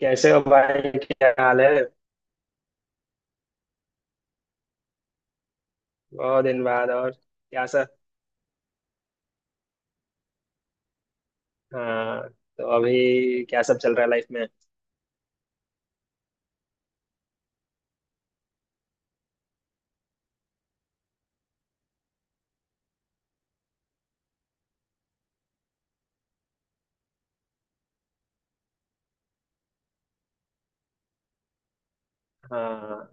कैसे हो भाई, क्या हाल है। बहुत दिन बाद और क्या सब। हाँ। तो अभी क्या सब चल रहा है लाइफ में। हाँ,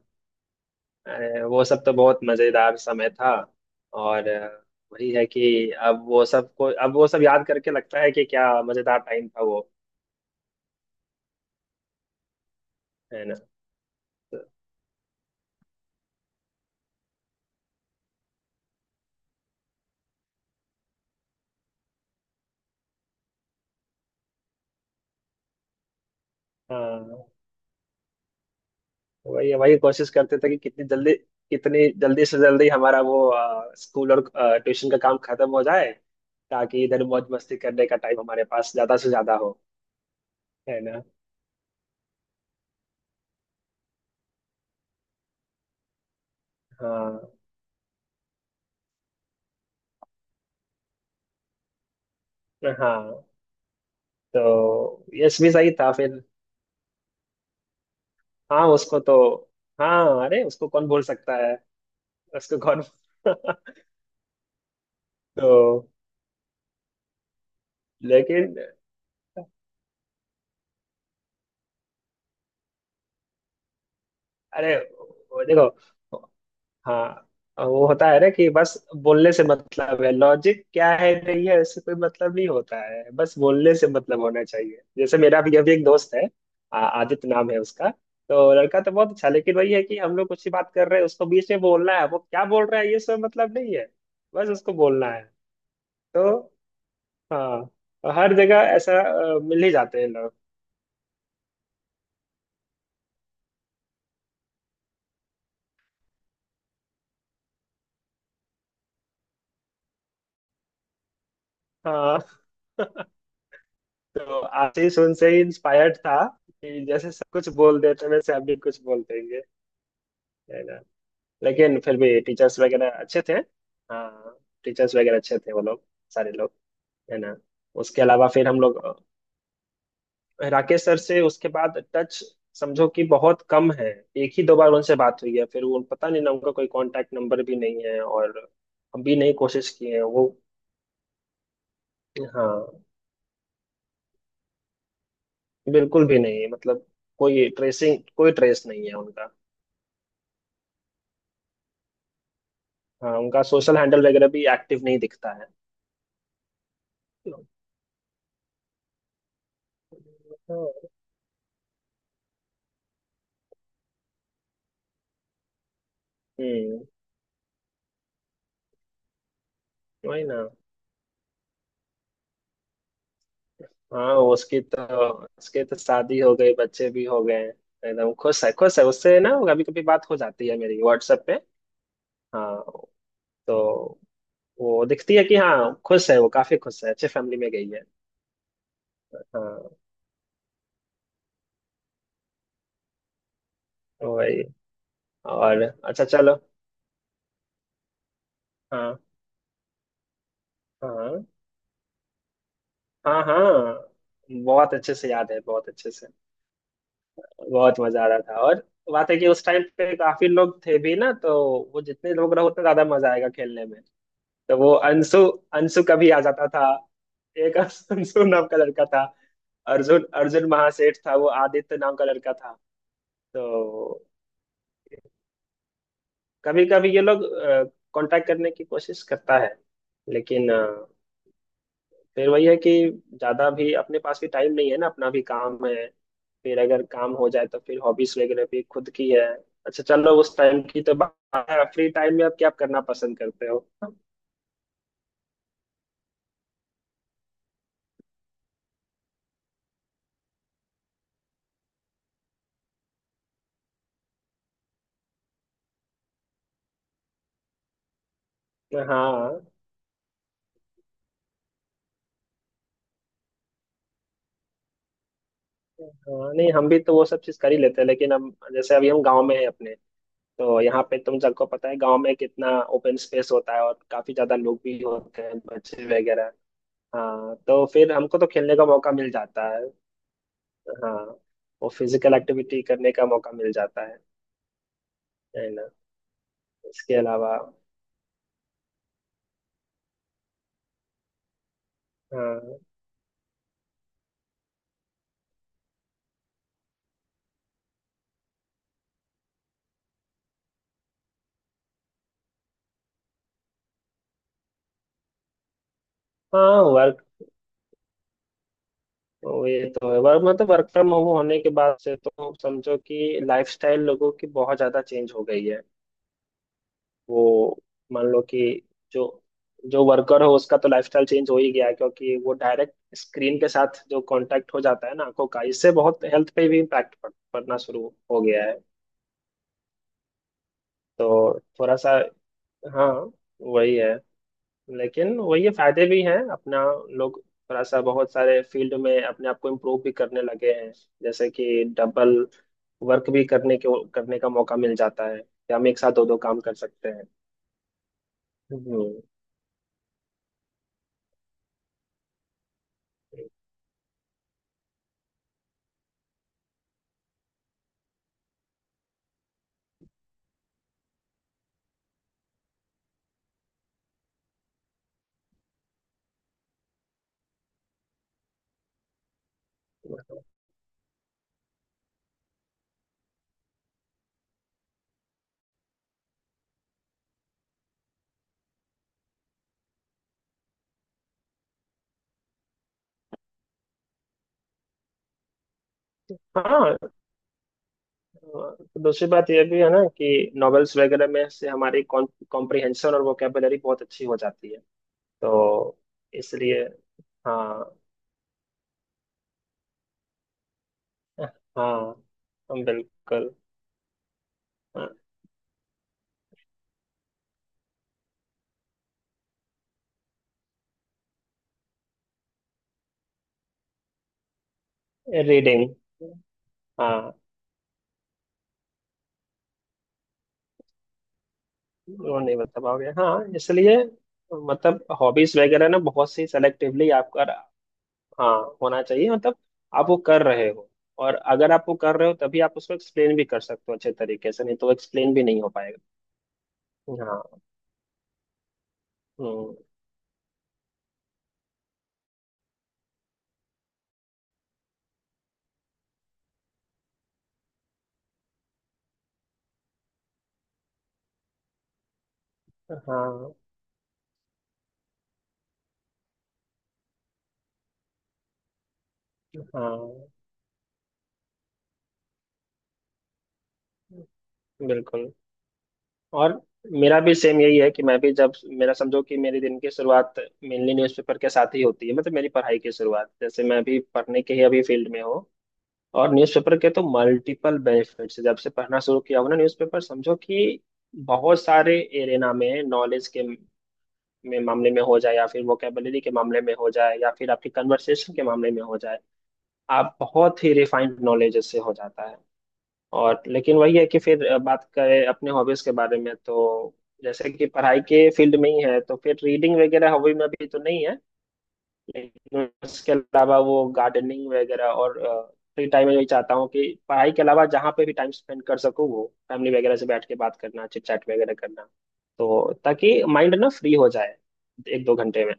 अरे वो सब तो बहुत मजेदार समय था। और वही है कि अब वो सब को अब वो सब याद करके लगता है कि क्या मजेदार टाइम था वो। है ना। तो, हाँ। वही वही कोशिश करते थे कि कितनी जल्दी से जल्दी हमारा वो स्कूल और ट्यूशन का काम खत्म हो जाए, ताकि इधर मौज मस्ती करने का टाइम हमारे पास ज्यादा से ज्यादा हो। है ना। हाँ हाँ, तो यश भी सही था फिर। हाँ, उसको तो, हाँ अरे उसको कौन भूल सकता है। उसको कौन तो लेकिन, अरे वो देखो। हाँ, वो होता है ना कि बस, बोलने से मतलब है, लॉजिक क्या है नहीं है इससे कोई मतलब नहीं होता है, बस बोलने से मतलब होना चाहिए। जैसे मेरा भी अभी एक दोस्त है, आदित्य नाम है उसका। तो लड़का तो बहुत अच्छा, लेकिन वही है कि हम लोग कुछ ही बात कर रहे हैं उसको बीच में बोलना है, वो क्या बोल रहा है ये सब मतलब नहीं है, बस उसको बोलना है। तो हाँ, तो हर जगह ऐसा मिल ही जाते हैं लोग। हाँ तो आशीष सुन से ही इंस्पायर्ड था कि जैसे सब कुछ बोल देते हैं वैसे हम भी कुछ बोल देंगे। है ना। लेकिन फिर भी टीचर्स वगैरह अच्छे थे। हाँ, टीचर्स वगैरह अच्छे थे वो लोग, सारे लोग। है ना। उसके अलावा फिर हम लोग राकेश सर से उसके बाद टच समझो कि बहुत कम है। एक ही दो बार उनसे बात हुई है, फिर वो पता नहीं ना, उनका कोई कांटेक्ट नंबर भी नहीं है और हम भी नहीं कोशिश किए हैं वो। हाँ, बिल्कुल भी नहीं, मतलब कोई ट्रेसिंग, कोई ट्रेस नहीं है उनका। हाँ, उनका सोशल हैंडल वगैरह भी एक्टिव नहीं दिखता है। हम्म। वही ना, हाँ उसकी तो शादी हो गई, बच्चे भी हो गए हैं। एकदम खुश है, खुश है। उससे ना कभी कभी बात हो जाती है मेरी व्हाट्सएप पे। हाँ, तो वो दिखती है कि हाँ खुश है वो, काफी खुश है, अच्छे फैमिली में गई है। हाँ, वही। और अच्छा, चलो। हाँ हाँ हाँ हाँ, बहुत अच्छे से याद है, बहुत अच्छे से। बहुत मजा आ रहा था, और बात है कि उस टाइम पे काफी लोग थे भी ना, तो वो जितने लोग रहो उतना ज्यादा मजा आएगा खेलने में। तो वो अंशु, अंशु का भी आ जाता था, एक अंशु नाम का लड़का था, अर्जुन, अर्जुन महासेठ था, वो आदित्य नाम का लड़का था। तो कभी कभी ये लोग कांटेक्ट करने की कोशिश करता है, लेकिन फिर वही है कि ज्यादा भी अपने पास भी टाइम नहीं है ना, अपना भी काम है। फिर अगर काम हो जाए तो फिर हॉबीज वगैरह भी खुद की है। अच्छा, चलो उस टाइम की तो। फ्री टाइम में आप क्या करना पसंद करते हो। हाँ हाँ, नहीं हम भी तो वो सब चीज कर ही लेते हैं, लेकिन हम जैसे अभी हम गांव में हैं अपने, तो यहाँ पे तुम सबको पता है गांव में कितना ओपन स्पेस होता है और काफी ज्यादा लोग भी होते हैं, बच्चे वगैरह। हाँ, तो फिर हमको तो खेलने का मौका मिल जाता है। हाँ, वो फिजिकल एक्टिविटी करने का मौका मिल जाता है। है ना। इसके अलावा, हाँ हाँ वर्क, ये तो है, वर्क मतलब वर्क फ्रॉम होम होने के बाद से तो समझो कि लाइफस्टाइल लोगों की बहुत ज्यादा चेंज हो गई है। वो, मान लो कि जो जो वर्कर हो उसका तो लाइफस्टाइल चेंज हो ही गया है, क्योंकि वो डायरेक्ट स्क्रीन के साथ जो कांटेक्ट हो जाता है ना आंखों का, इससे बहुत हेल्थ पे भी इम्पैक्ट पड़ना शुरू हो गया है। तो थोड़ा सा, हाँ वही है। लेकिन वही है, फायदे भी हैं अपना। लोग थोड़ा सा बहुत सारे फील्ड में अपने आप को इम्प्रूव भी करने लगे हैं, जैसे कि डबल वर्क भी करने के, करने का मौका मिल जाता है कि हम एक साथ दो दो काम कर सकते हैं। हम्म। हाँ, तो दूसरी बात यह भी है ना कि नॉवेल्स वगैरह में से हमारी कॉम्प्रिहेंशन और वोकेबलरी बहुत अच्छी हो जाती है। तो इसलिए, हाँ हाँ बिल्कुल, रीडिंग। हाँ, वो नहीं बता पाओगे हाँ, इसलिए मतलब हॉबीज वगैरह ना बहुत सी सेलेक्टिवली आपका, हाँ होना चाहिए, मतलब आप वो कर रहे हो, और अगर आप वो कर रहे हो तभी आप उसको एक्सप्लेन भी कर सकते हो अच्छे तरीके से, नहीं तो एक्सप्लेन भी नहीं हो पाएगा। हाँ। हम्म, हाँ हाँ बिल्कुल। और मेरा भी सेम यही है कि मैं भी जब, मेरा समझो कि मेरे दिन की शुरुआत मेनली न्यूज़पेपर के साथ ही होती है, मतलब मेरी पढ़ाई की शुरुआत, जैसे मैं भी पढ़ने के ही अभी फील्ड में हूँ। और न्यूज़पेपर के तो मल्टीपल बेनिफिट्स, जब से पढ़ना शुरू किया हूँ ना न्यूज़पेपर, समझो कि बहुत सारे एरेना में नॉलेज के में मामले में हो जाए, या फिर वोकेबलरी के मामले में हो जाए, या फिर आपकी कन्वर्सेशन के मामले में हो जाए, आप बहुत ही रिफाइंड नॉलेज इससे हो जाता है। और लेकिन वही है कि फिर बात करें अपने हॉबीज के बारे में, तो जैसे कि पढ़ाई के फील्ड में ही है तो फिर रीडिंग वगैरह हॉबी में भी तो नहीं है। लेकिन उसके अलावा वो गार्डनिंग वगैरह, और फ्री टाइम में यही चाहता हूँ कि पढ़ाई के अलावा जहाँ पे भी टाइम स्पेंड कर सकूँ, वो फैमिली वगैरह से बैठ के बात करना, चिट चैट वगैरह करना, तो ताकि माइंड ना फ्री हो जाए एक दो घंटे में।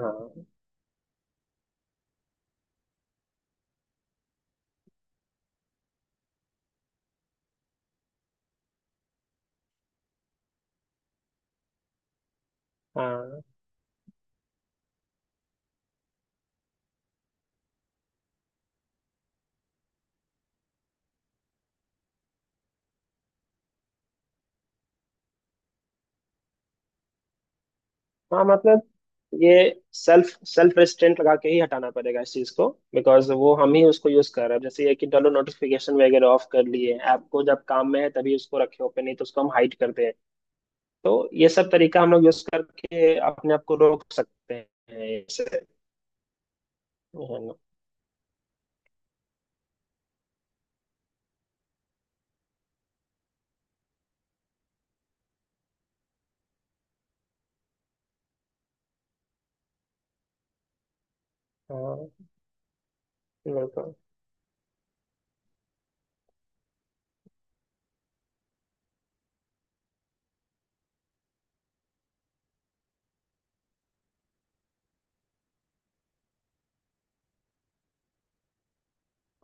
हाँ हाँ हाँ, मतलब ये सेल्फ सेल्फ रेस्ट्रेंट लगा के ही हटाना पड़ेगा इस चीज को। बिकॉज वो हम ही उसको यूज कर रहे हैं, जैसे ये कि चलो नोटिफिकेशन वगैरह ऑफ कर लिए, ऐप को जब काम में है तभी उसको रखे ओपन, नहीं तो उसको हम हाइड करते हैं। तो ये सब तरीका हम लोग यूज करके अपने आप को रोक सकते हैं इससे। है ना। हाँ बिल्कुल।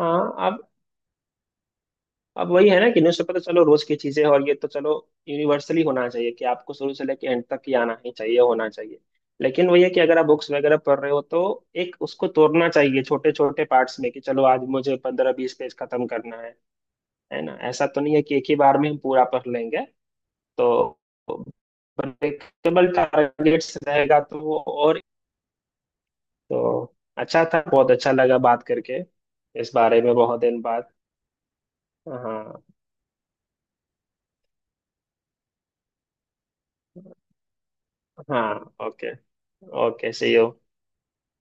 हाँ, अब अब वही है ना कि न्यूज़पेपर तो चलो रोज की चीजें हैं, और ये तो चलो यूनिवर्सली होना चाहिए कि आपको शुरू से लेके एंड तक ही आना ही चाहिए, होना चाहिए। लेकिन वही है कि अगर आप बुक्स वगैरह पढ़ रहे हो तो एक उसको तोड़ना चाहिए छोटे छोटे पार्ट्स में, कि चलो आज मुझे 15-20 पेज खत्म करना है। है ना, ऐसा तो नहीं है कि एक ही बार में हम पूरा पढ़ लेंगे। तो ब्रेकेबल टारगेट्स रहेगा तो वो, और तो, अच्छा था, बहुत अच्छा लगा बात करके इस बारे में बहुत दिन बाद। हाँ हाँ, ओके। Okay, see you.